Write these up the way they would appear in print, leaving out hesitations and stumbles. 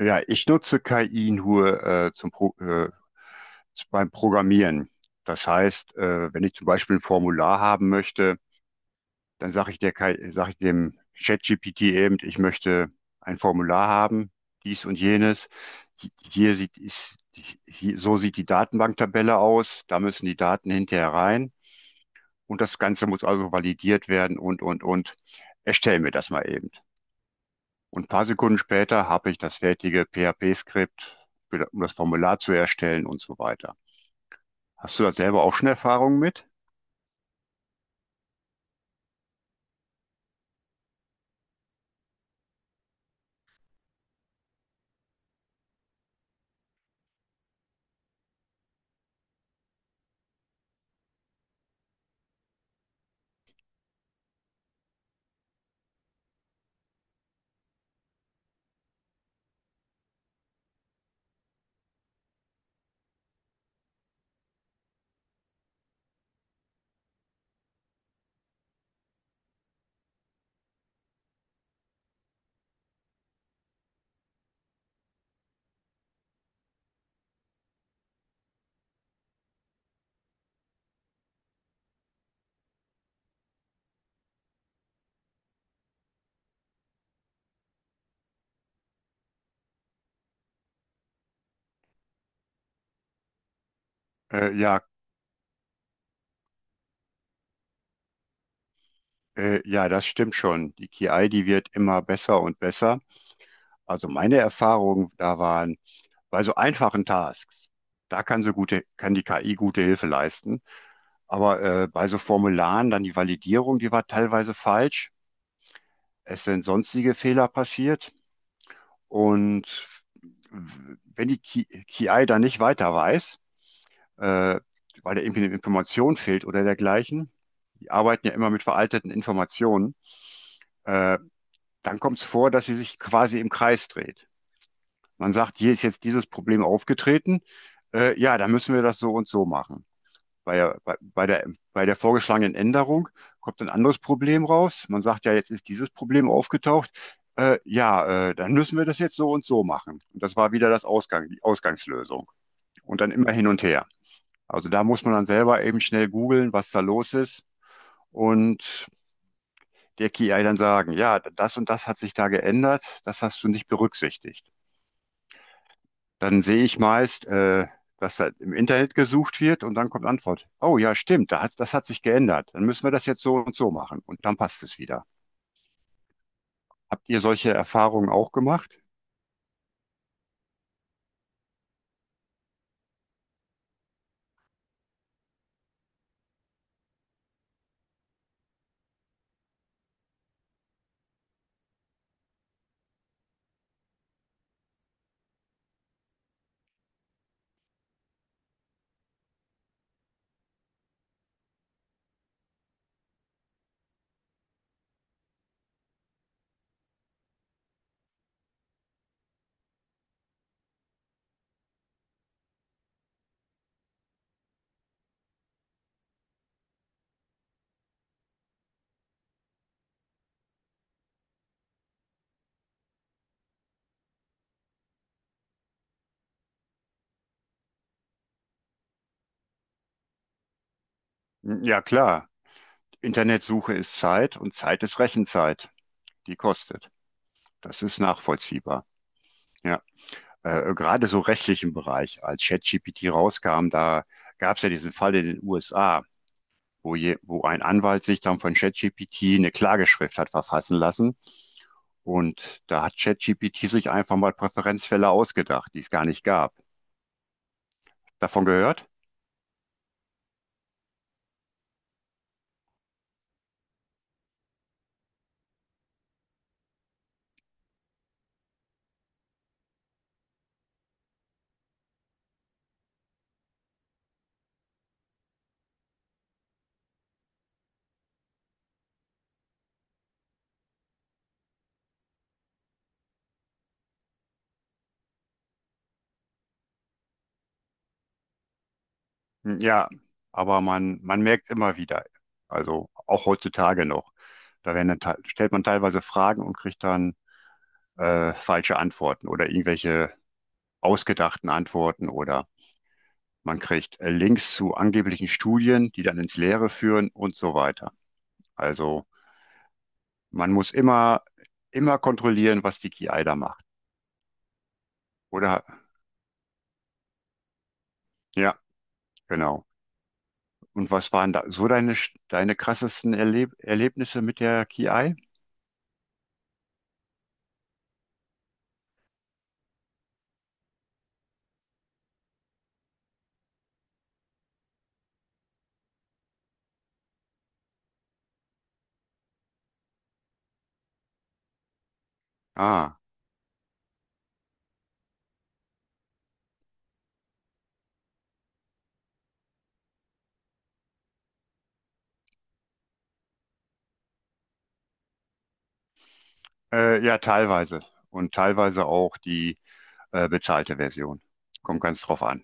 Ja, ich nutze KI nur zum Pro beim Programmieren. Das heißt, wenn ich zum Beispiel ein Formular haben möchte, dann sage ich der KI, sage ich dem ChatGPT eben, ich möchte ein Formular haben, dies und jenes. Hier so sieht die Datenbanktabelle aus, da müssen die Daten hinterher rein und das Ganze muss also validiert werden und, und. Erstell mir das mal eben. Und ein paar Sekunden später habe ich das fertige PHP-Skript, um das Formular zu erstellen und so weiter. Hast du da selber auch schon Erfahrungen mit? Äh, ja, ja, das stimmt schon. Die KI, die wird immer besser und besser. Also meine Erfahrungen da waren, bei so einfachen Tasks, da kann die KI gute Hilfe leisten. Aber bei so Formularen dann die Validierung, die war teilweise falsch. Es sind sonstige Fehler passiert. Und wenn die KI da nicht weiter weiß, äh, weil da irgendwie eine Information fehlt oder dergleichen, die arbeiten ja immer mit veralteten Informationen, äh, dann kommt es vor, dass sie sich quasi im Kreis dreht. Man sagt, hier ist jetzt dieses Problem aufgetreten, ja, dann müssen wir das so und so machen. Bei der, bei, bei der, bei der vorgeschlagenen Änderung kommt ein anderes Problem raus. Man sagt ja, jetzt ist dieses Problem aufgetaucht. Ja, dann müssen wir das jetzt so und so machen. Und das war wieder die Ausgangslösung. Und dann immer hin und her. Also da muss man dann selber eben schnell googeln, was da los ist und der KI dann sagen, ja, das und das hat sich da geändert, das hast du nicht berücksichtigt. Dann sehe ich meist, was halt im Internet gesucht wird und dann kommt Antwort. Oh ja, stimmt, das hat sich geändert. Dann müssen wir das jetzt so und so machen und dann passt es wieder. Habt ihr solche Erfahrungen auch gemacht? Ja, klar. Internetsuche ist Zeit und Zeit ist Rechenzeit. Die kostet. Das ist nachvollziehbar. Ja, gerade so rechtlichen Bereich, als ChatGPT rauskam, da gab es ja diesen Fall in den USA. Wo wo ein Anwalt sich dann von ChatGPT eine Klageschrift hat verfassen lassen. Und da hat ChatGPT sich einfach mal Präferenzfälle ausgedacht, die es gar nicht gab. Davon gehört? Ja, aber man merkt immer wieder, also auch heutzutage noch, da werden dann, stellt man teilweise Fragen und kriegt dann falsche Antworten oder irgendwelche ausgedachten Antworten oder man kriegt Links zu angeblichen Studien, die dann ins Leere führen und so weiter. Also man muss immer kontrollieren, was die KI da macht. Oder? Ja, genau. Und was waren da so deine krassesten Erlebnisse mit der KI? Ah, ja, teilweise. Und teilweise auch die bezahlte Version. Kommt ganz drauf an.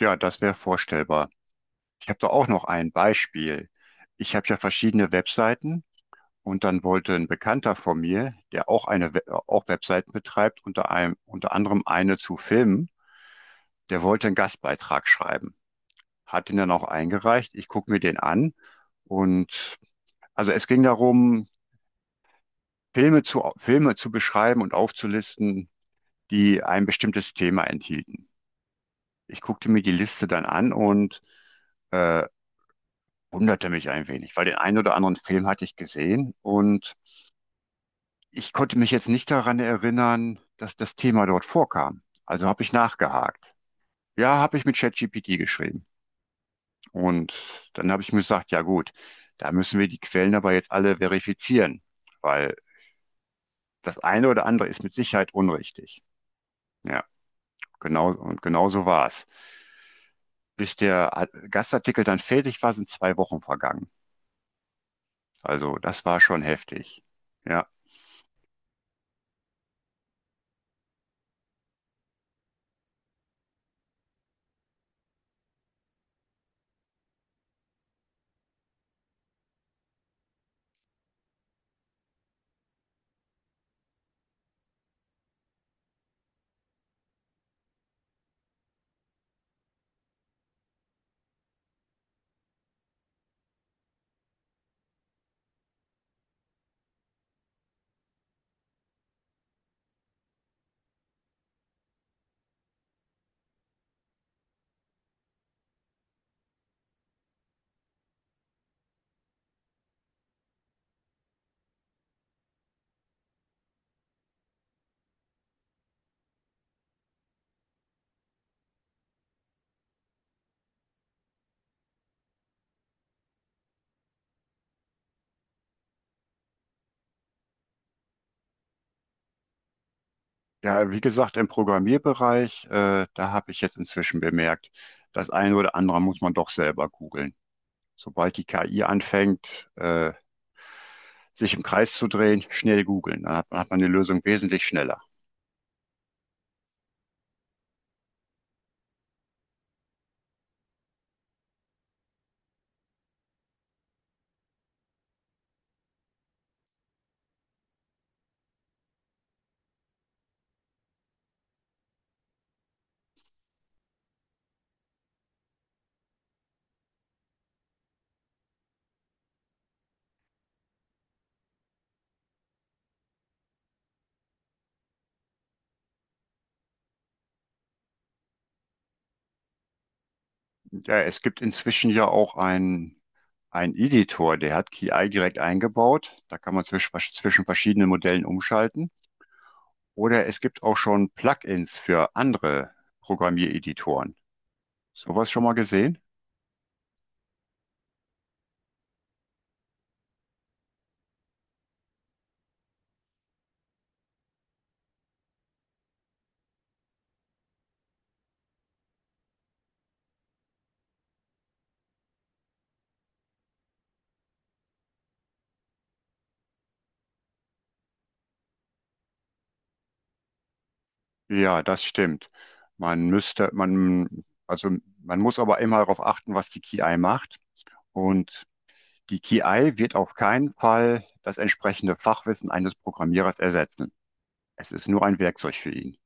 Ja, das wäre vorstellbar. Ich habe da auch noch ein Beispiel. Ich habe ja verschiedene Webseiten und dann wollte ein Bekannter von mir, der auch eine We auch Webseiten betreibt, unter anderem eine zu Filmen, der wollte einen Gastbeitrag schreiben, hat den dann auch eingereicht. Ich gucke mir den an und also es ging darum, Filme zu beschreiben und aufzulisten, die ein bestimmtes Thema enthielten. Ich guckte mir die Liste dann an und äh, wunderte mich ein wenig, weil den einen oder anderen Film hatte ich gesehen und ich konnte mich jetzt nicht daran erinnern, dass das Thema dort vorkam. Also habe ich nachgehakt. Ja, habe ich mit ChatGPT geschrieben. Und dann habe ich mir gesagt, ja gut, da müssen wir die Quellen aber jetzt alle verifizieren, weil das eine oder andere ist mit Sicherheit unrichtig. Ja, genau, und genau so war es. Bis der Gastartikel dann fertig war, sind 2 Wochen vergangen. Also das war schon heftig. Ja, ja, wie gesagt, im Programmierbereich, da habe ich jetzt inzwischen bemerkt, das eine oder andere muss man doch selber googeln. Sobald die KI anfängt, sich im Kreis zu drehen, schnell googeln. Hat man die Lösung wesentlich schneller. Ja, es gibt inzwischen ja auch einen Editor, der hat KI direkt eingebaut. Da kann man zwischen verschiedenen Modellen umschalten. Oder es gibt auch schon Plugins für andere Programmiereditoren. Sowas schon mal gesehen? Ja, das stimmt. Also man muss aber immer darauf achten, was die KI macht. Und die KI wird auf keinen Fall das entsprechende Fachwissen eines Programmierers ersetzen. Es ist nur ein Werkzeug für ihn.